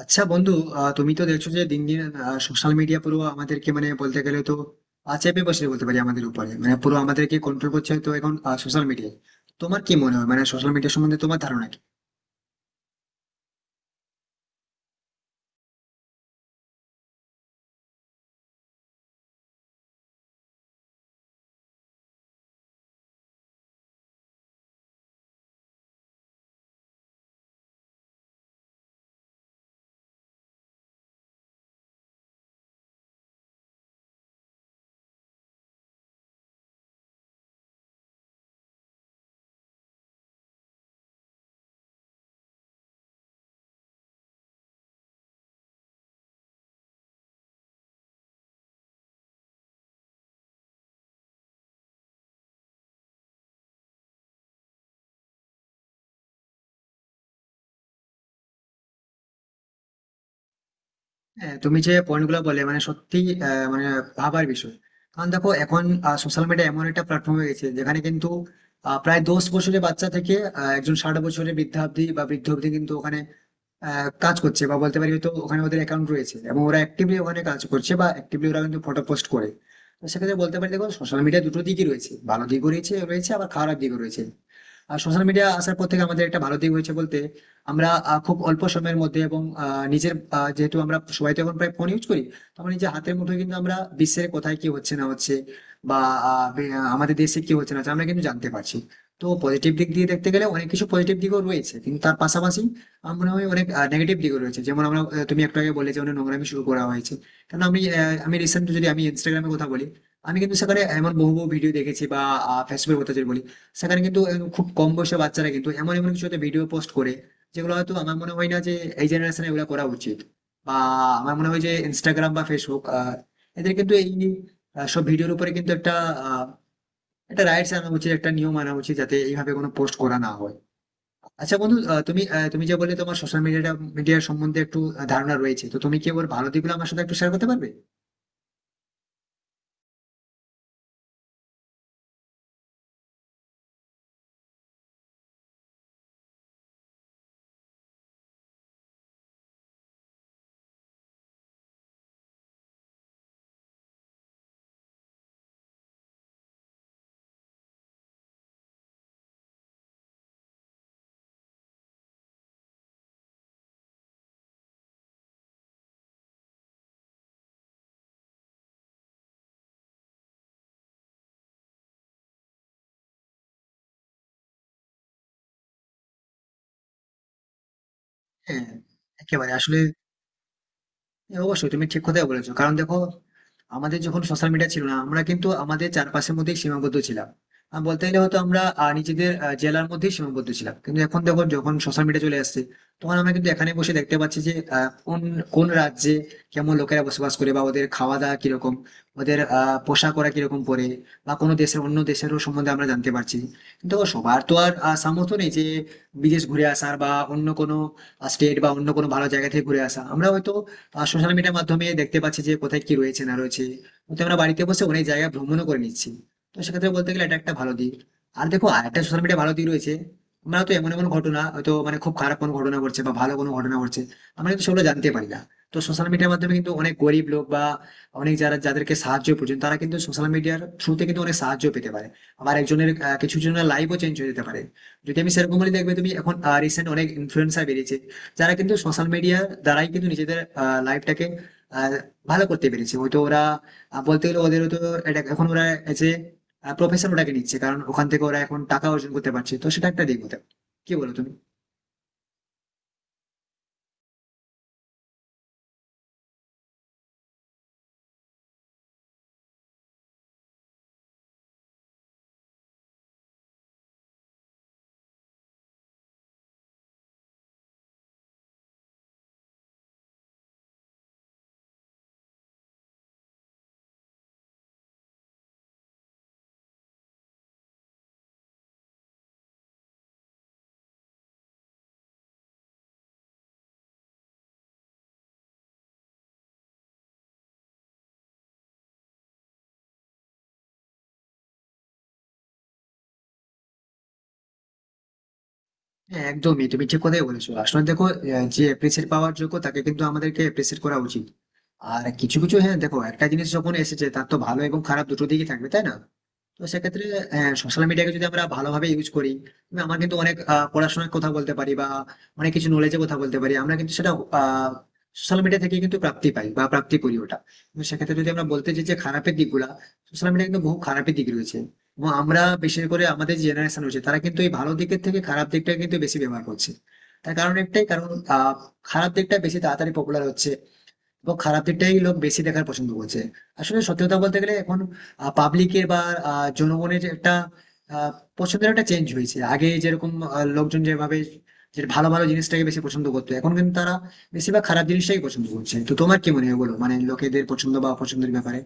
আচ্ছা বন্ধু, তুমি তো দেখছো যে দিন দিন সোশ্যাল মিডিয়া পুরো আমাদেরকে মানে বলতে গেলে তো চেপে বসে বলতে পারি আমাদের উপরে মানে পুরো আমাদেরকে কন্ট্রোল করছে তো এখন সোশ্যাল মিডিয়া। তোমার কি মনে হয় মানে সোশ্যাল মিডিয়া সম্বন্ধে তোমার ধারণা কি? হ্যাঁ, তুমি যে পয়েন্ট গুলো বলে মানে সত্যি মানে ভাবার বিষয়। কারণ দেখো এখন সোশ্যাল মিডিয়া এমন একটা প্ল্যাটফর্ম হয়ে গেছে যেখানে কিন্তু প্রায় 10 বছরের বাচ্চা থেকে একজন 60 বছরের বৃদ্ধা অব্দি বা বৃদ্ধ অব্দি কিন্তু ওখানে কাজ করছে বা বলতে পারি হয়তো ওখানে ওদের অ্যাকাউন্ট রয়েছে এবং ওরা অ্যাক্টিভলি ওখানে কাজ করছে বা অ্যাক্টিভলি ওরা কিন্তু ফটো পোস্ট করে। তো সেক্ষেত্রে বলতে পারি দেখো সোশ্যাল মিডিয়া দুটো দিকই রয়েছে, ভালো দিকও রয়েছে, রয়েছে আবার খারাপ দিকও রয়েছে। আর সোশ্যাল মিডিয়া আসার পর থেকে আমাদের একটা ভালো দিক হয়েছে বলতে আমরা খুব অল্প সময়ের মধ্যে এবং নিজের যেহেতু আমরা সবাই তো এখন প্রায় ফোন ইউজ করি, তো আমরা নিজের হাতের মুঠোয় কিন্তু আমরা বিশ্বের কোথায় কি হচ্ছে না হচ্ছে বা আমাদের দেশে কি হচ্ছে না হচ্ছে আমরা কিন্তু জানতে পারছি। তো পজিটিভ দিক দিয়ে দেখতে গেলে অনেক কিছু পজিটিভ দিকও রয়েছে, কিন্তু তার পাশাপাশি আমার মনে হয় অনেক নেগেটিভ দিকও রয়েছে। যেমন আমরা তুমি একটু আগে বললে যে অনেক নোংরামি শুরু করা হয়েছে। কারণ আমি আমি রিসেন্ট যদি আমি ইনস্টাগ্রামে কথা বলি, আমি কিন্তু সেখানে এমন বহু বহু ভিডিও দেখেছি। বা ফেসবুকের কথা যদি বলি, সেখানে কিন্তু এরকম খুব কম বয়সী বাচ্চারা কিন্তু এমন এমন কিছু ভিডিও পোস্ট করে যেগুলো হয়তো আমার মনে হয় না যে এই জেনারেশনে এগুলো করা উচিত। বা আমার মনে হয় যে ইনস্টাগ্রাম বা ফেসবুক, এদের কিন্তু এই সব ভিডিওর উপরে কিন্তু একটা আহ, একটা রাইটস আনা উচিত, একটা নিয়ম আনা উচিত যাতে এইভাবে কোনো পোস্ট করা না হয়। আচ্ছা বন্ধু, তুমি যে বললে তোমার সোশ্যাল মিডিয়াটা মিডিয়ার সম্বন্ধে একটু ধারণা রয়েছে, তো তুমি কি ওর ভালো দিকগুলো আমার সাথে একটু শেয়ার করতে পারবে? হ্যাঁ, একেবারে আসলে, হ্যাঁ, অবশ্যই তুমি ঠিক কথাই বলেছো। কারণ দেখো, আমাদের যখন সোশ্যাল মিডিয়া ছিল না, আমরা কিন্তু আমাদের চারপাশের মধ্যেই সীমাবদ্ধ ছিলাম। আর বলতে গেলে হয়তো আমরা নিজেদের জেলার মধ্যেই সীমাবদ্ধ ছিলাম, কিন্তু এখন দেখো যখন সোশ্যাল মিডিয়া চলে আসছে, তখন আমরা কিন্তু এখানে বসে দেখতে পাচ্ছি যে কোন কোন রাজ্যে কেমন লোকেরা বসবাস করে বা ওদের খাওয়া দাওয়া কিরকম, ওদের পোশাক ওরা কিরকম পরে, বা কোনো দেশের অন্য দেশেরও সম্বন্ধে আমরা জানতে পারছি। কিন্তু দেখো, সবার তো আর সামর্থ্য নেই যে বিদেশ ঘুরে আসার বা অন্য কোনো স্টেট বা অন্য কোনো ভালো জায়গা থেকে ঘুরে আসা। আমরা হয়তো সোশ্যাল মিডিয়ার মাধ্যমে দেখতে পাচ্ছি যে কোথায় কি রয়েছে না রয়েছে, কিন্তু আমরা বাড়িতে বসে অনেক জায়গা ভ্রমণও করে নিচ্ছি। তো সেক্ষেত্রে বলতে গেলে এটা একটা ভালো দিক। আর দেখো আরেকটা সোশ্যাল মিডিয়া ভালো দিক রয়েছে, আমরা তো এমন এমন ঘটনা হয়তো মানে খুব খারাপ কোনো ঘটনা ঘটছে বা ভালো কোনো ঘটনা ঘটছে, আমরা কিন্তু সেগুলো জানতে পারি না। তো সোশ্যাল মিডিয়ার মাধ্যমে কিন্তু অনেক গরিব লোক বা অনেক যারা যাদেরকে সাহায্য প্রয়োজন তারা কিন্তু সোশ্যাল মিডিয়ার থ্রুতে কিন্তু অনেক সাহায্য পেতে পারে। আবার একজনের কিছু জনের লাইফও চেঞ্জ হয়ে যেতে পারে যদি আমি সেরকম বলি। দেখবে তুমি এখন রিসেন্ট অনেক ইনফ্লুয়েন্সার বেরিয়েছে যারা কিন্তু সোশ্যাল মিডিয়ার দ্বারাই কিন্তু নিজেদের লাইফটাকে ভালো করতে পেরেছে। হয়তো ওরা বলতে গেলে ওদের তো এটা এখন ওরা এজ এ প্রফেশন ওটাকে নিচ্ছে, কারণ ওখান থেকে ওরা এখন টাকা অর্জন করতে পারছে। তো সেটা একটা দিক হতে পারে। কি বলো তুমি? হ্যাঁ, একদমই তুমি ঠিক কথাই বলেছো। আসলে দেখো, যে অ্যাপ্রিসিয়েট পাওয়ার যোগ্য তাকে কিন্তু আমাদেরকে অ্যাপ্রিসিয়েট করা উচিত। আর কিছু কিছু, হ্যাঁ দেখো একটা জিনিস যখন এসেছে তার তো ভালো এবং খারাপ দুটো দিকই থাকবে, তাই না? তো সেক্ষেত্রে হ্যাঁ, সোশ্যাল মিডিয়াকে যদি আমরা ভালোভাবে ইউজ করি, তবে আমরা কিন্তু অনেক পড়াশোনার কথা বলতে পারি বা অনেক কিছু নলেজের কথা বলতে পারি। আমরা কিন্তু সেটা সোশ্যাল মিডিয়া থেকে কিন্তু প্রাপ্তি পাই বা প্রাপ্তি করি ওটা। তো সেক্ষেত্রে যদি আমরা বলতে চাই যে খারাপের দিকগুলা, সোশ্যাল মিডিয়া কিন্তু বহু খারাপের দিক রয়েছে। এবং আমরা বিশেষ করে আমাদের জেনারেশন রয়েছে তারা কিন্তু এই ভালো দিকের থেকে খারাপ দিকটা কিন্তু বেশি ব্যবহার করছে। তার কারণ একটাই কারণ, আহ, খারাপ দিকটা বেশি তাড়াতাড়ি পপুলার হচ্ছে এবং খারাপ দিকটাই লোক বেশি দেখার পছন্দ করছে। আসলে সত্যি কথা বলতে গেলে এখন পাবলিকের বা জনগণের যে একটা আহ, পছন্দের একটা চেঞ্জ হয়েছে। আগে যেরকম লোকজন যেভাবে যে ভালো ভালো জিনিসটাকে বেশি পছন্দ করতো, এখন কিন্তু তারা বেশিরভাগ খারাপ জিনিসটাই পছন্দ করছে। তো তোমার কি মনে হয় বলো, মানে লোকেদের পছন্দ বা অপছন্দের ব্যাপারে?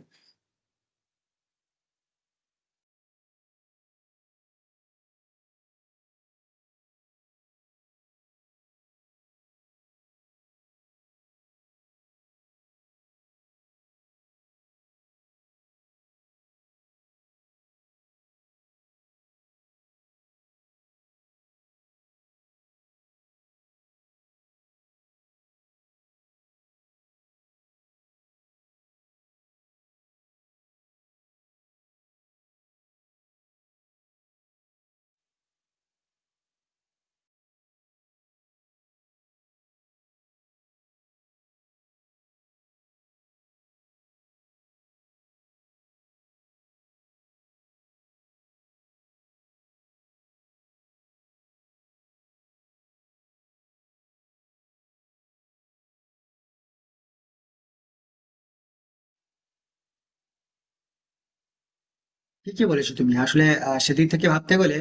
ঠিকই বলেছো তুমি। আসলে সেদিক থেকে ভাবতে গেলে,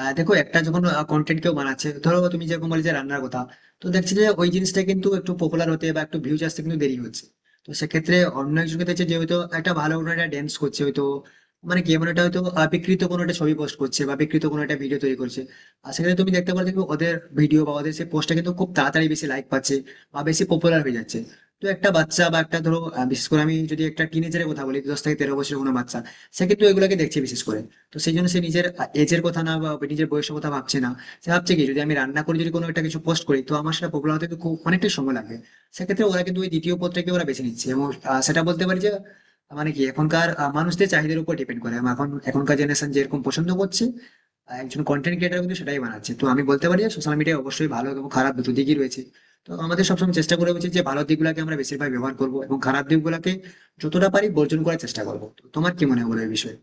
দেখো একটা যখন কন্টেন্ট কেউ বানাচ্ছে, ধরো তুমি যেরকম বলে যে রান্নার কথা, তো দেখছি যে ওই জিনিসটা কিন্তু একটু পপুলার হতে বা একটু ভিউজ আসতে কিন্তু দেরি হচ্ছে। তো সেক্ষেত্রে অন্য একজনকে দেখছে যে হয়তো একটা ভালো কোনো একটা ড্যান্স করছে, হয়তো মানে কি এমন একটা হয়তো বিকৃত কোনো একটা ছবি পোস্ট করছে বা বিকৃত কোনো একটা ভিডিও তৈরি করছে, আর সেক্ষেত্রে তুমি দেখতে পারো দেখবে ওদের ভিডিও বা ওদের সেই পোস্টটা কিন্তু খুব তাড়াতাড়ি বেশি লাইক পাচ্ছে বা বেশি পপুলার হয়ে যাচ্ছে। তো একটা বাচ্চা বা একটা ধরো বিশেষ করে আমি যদি একটা টিনেজারের কথা বলি, 10 থেকে 13 বছরের কোনো বাচ্চা, সে কিন্তু এগুলোকে দেখছে বিশেষ করে। তো সেই জন্য সে নিজের এজের কথা না বা নিজের বয়সের কথা ভাবছে না। সে ভাবছে কি, যদি আমি রান্না করে যদি কোনো একটা কিছু পোস্ট করি তো আমার সেটা পপুলার হতে কিন্তু খুব অনেকটাই সময় লাগবে। সেক্ষেত্রে ওরা কিন্তু ওই দ্বিতীয় পত্রকে ওরা বেছে নিচ্ছে এবং সেটা বলতে পারি যে মানে কি এখনকার মানুষদের চাহিদার উপর ডিপেন্ড করে। আমার এখন এখনকার জেনারেশন যেরকম পছন্দ করছে, একজন কন্টেন্ট ক্রিয়েটার কিন্তু সেটাই বানাচ্ছে। তো আমি বলতে পারি যে সোশ্যাল মিডিয়া অবশ্যই ভালো এবং খারাপ দুটো দিকই রয়েছে। তো আমাদের সবসময় চেষ্টা করা উচিত যে ভালো দিকগুলোকে আমরা বেশিরভাগ ব্যবহার করবো এবং খারাপ দিকগুলোকে যতটা পারি বর্জন করার চেষ্টা করবো। তো তোমার কি মনে হয় বলো এই বিষয়ে?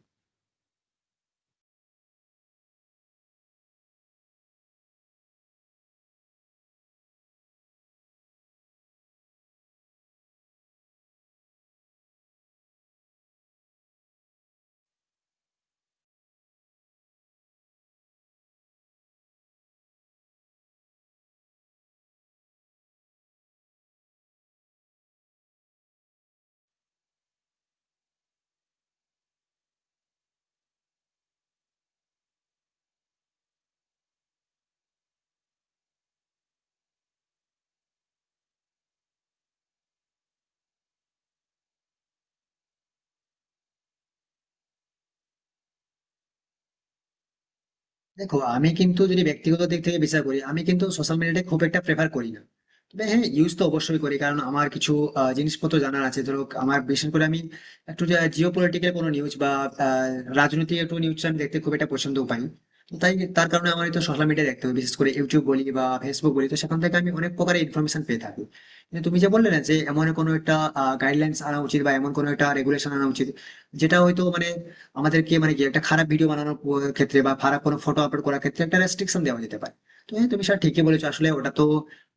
দেখো, আমি কিন্তু যদি ব্যক্তিগত দিক থেকে বিচার করি, আমি কিন্তু সোশ্যাল মিডিয়াটা খুব একটা প্রেফার করি না। তবে হ্যাঁ, ইউজ তো অবশ্যই করি, কারণ আমার কিছু জিনিসপত্র জানার আছে। ধরো আমার বিশেষ করে আমি একটু জিও পলিটিক্যাল কোনো নিউজ বা আহ, রাজনৈতিক একটু নিউজ আমি দেখতে খুব একটা পছন্দ পাই। তো তাই তার কারণে আমার তো সোশ্যাল মিডিয়া দেখতে হবে, বিশেষ করে ইউটিউব বলি বা ফেসবুক বলি, তো সেখান থেকে আমি অনেক প্রকারের ইনফরমেশন পেয়ে থাকি। কিন্তু তুমি যে বললে না যে এমন কোনো একটা গাইডলাইন্স আনা উচিত বা এমন কোনো একটা রেগুলেশন আনা উচিত যেটা হয়তো মানে আমাদেরকে মানে কি একটা খারাপ ভিডিও বানানোর ক্ষেত্রে বা খারাপ কোনো ফটো আপলোড করার ক্ষেত্রে একটা রেস্ট্রিকশন দেওয়া যেতে পারে, তো হ্যাঁ তুমি সেটা ঠিকই বলেছো। আসলে ওটা তো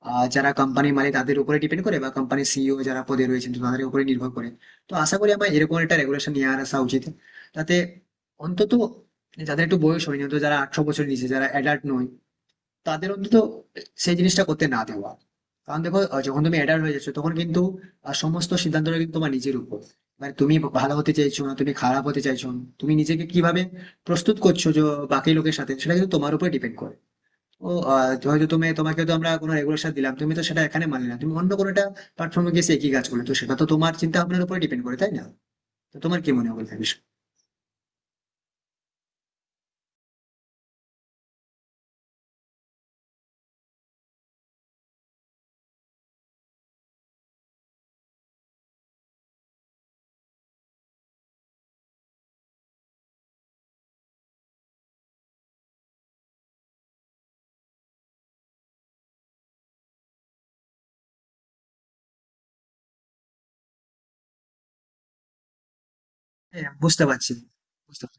যারা কোম্পানির মালিক তাদের উপরে ডিপেন্ড করে, বা কোম্পানির সিইও যারা পদে রয়েছেন, তো তাদের উপরে নির্ভর করে। তো আশা করি আমার এরকম একটা রেগুলেশন নিয়ে আর আসা উচিত। তাতে অন্তত যাদের একটু বয়স হয়নি, অন্তত যারা 18 বছর নিচে, যারা অ্যাডাল্ট নয়, তাদের অন্তত সেই জিনিসটা করতে না দেওয়া। কারণ দেখো, যখন তুমি অ্যাডাল্ট হয়ে যাচ্ছ তখন কিন্তু সমস্ত সিদ্ধান্তটা কিন্তু তোমার নিজের উপর। মানে তুমি ভালো হতে চাইছো না তুমি খারাপ হতে চাইছো না, তুমি নিজেকে কিভাবে প্রস্তুত করছো যে বাকি লোকের সাথে, সেটা কিন্তু তোমার উপর ডিপেন্ড করে। ও হয়তো তুমি, তোমাকে তো আমরা কোনো রেগুলেশন দিলাম, তুমি তো সেটা এখানে মানলে না, তুমি অন্য কোনো একটা প্ল্যাটফর্মে গিয়ে সে একই কাজ করলে, তো সেটা তো তোমার চিন্তা ভাবনার উপর ডিপেন্ড করে, তাই না? তো তোমার কি মনে হয় বলতে বিষয়? বুঝতে পারছি, বুঝতে পারছি।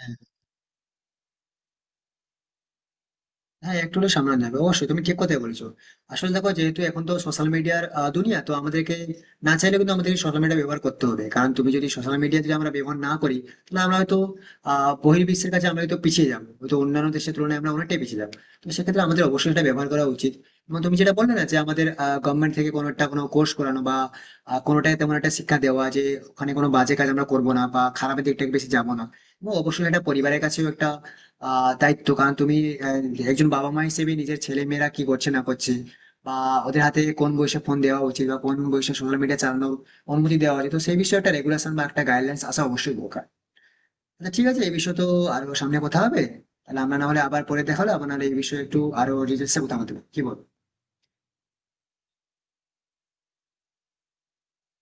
হ্যাঁ, হ্যাঁ একটু হলেও সামনে নেবে, অবশ্যই তুমি ঠিক কথাই বলছো। আসলে দেখো, যেহেতু এখন তো সোশ্যাল মিডিয়ার দুনিয়া, তো আমাদেরকে না চাইলে কিন্তু আমাদের সোশ্যাল মিডিয়া ব্যবহার করতে হবে। কারণ তুমি যদি সোশ্যাল মিডিয়া যদি আমরা ব্যবহার না করি, তাহলে আমরা হয়তো বহির্বিশ্বের কাছে আমরা হয়তো পিছিয়ে যাবো, হয়তো অন্যান্য দেশের তুলনায় আমরা অনেকটাই পিছিয়ে যাবো। তো সেক্ষেত্রে আমাদের অবশ্যই এটা ব্যবহার করা উচিত। এবং তুমি যেটা বললে না যে আমাদের গভর্নমেন্ট থেকে কোনো একটা কোনো কোর্স করানো বা কোনোটাই তেমন একটা শিক্ষা দেওয়া যে ওখানে কোনো বাজে কাজ আমরা করবো না বা খারাপের দিকটাকে বেশি যাবো না। এবং অবশ্যই এটা পরিবারের কাছেও একটা তাই তো। কারণ তুমি একজন বাবা মা হিসেবে নিজের ছেলে মেয়েরা কি করছে না করছে, বা ওদের হাতে কোন বয়সে ফোন দেওয়া উচিত বা কোন বয়সে সোশ্যাল মিডিয়া চালানোর অনুমতি দেওয়া উচিত, তো সেই বিষয়ে একটা রেগুলেশন বা একটা গাইডলাইন্স আসা অবশ্যই দরকার। আচ্ছা ঠিক আছে, এই বিষয়ে তো আরো সামনে কথা হবে। তাহলে আমরা না হলে আবার পরে দেখা হলো আবার, নাহলে এই বিষয়ে একটু আরো ডিটেলসে কথা বলতে, কি বল?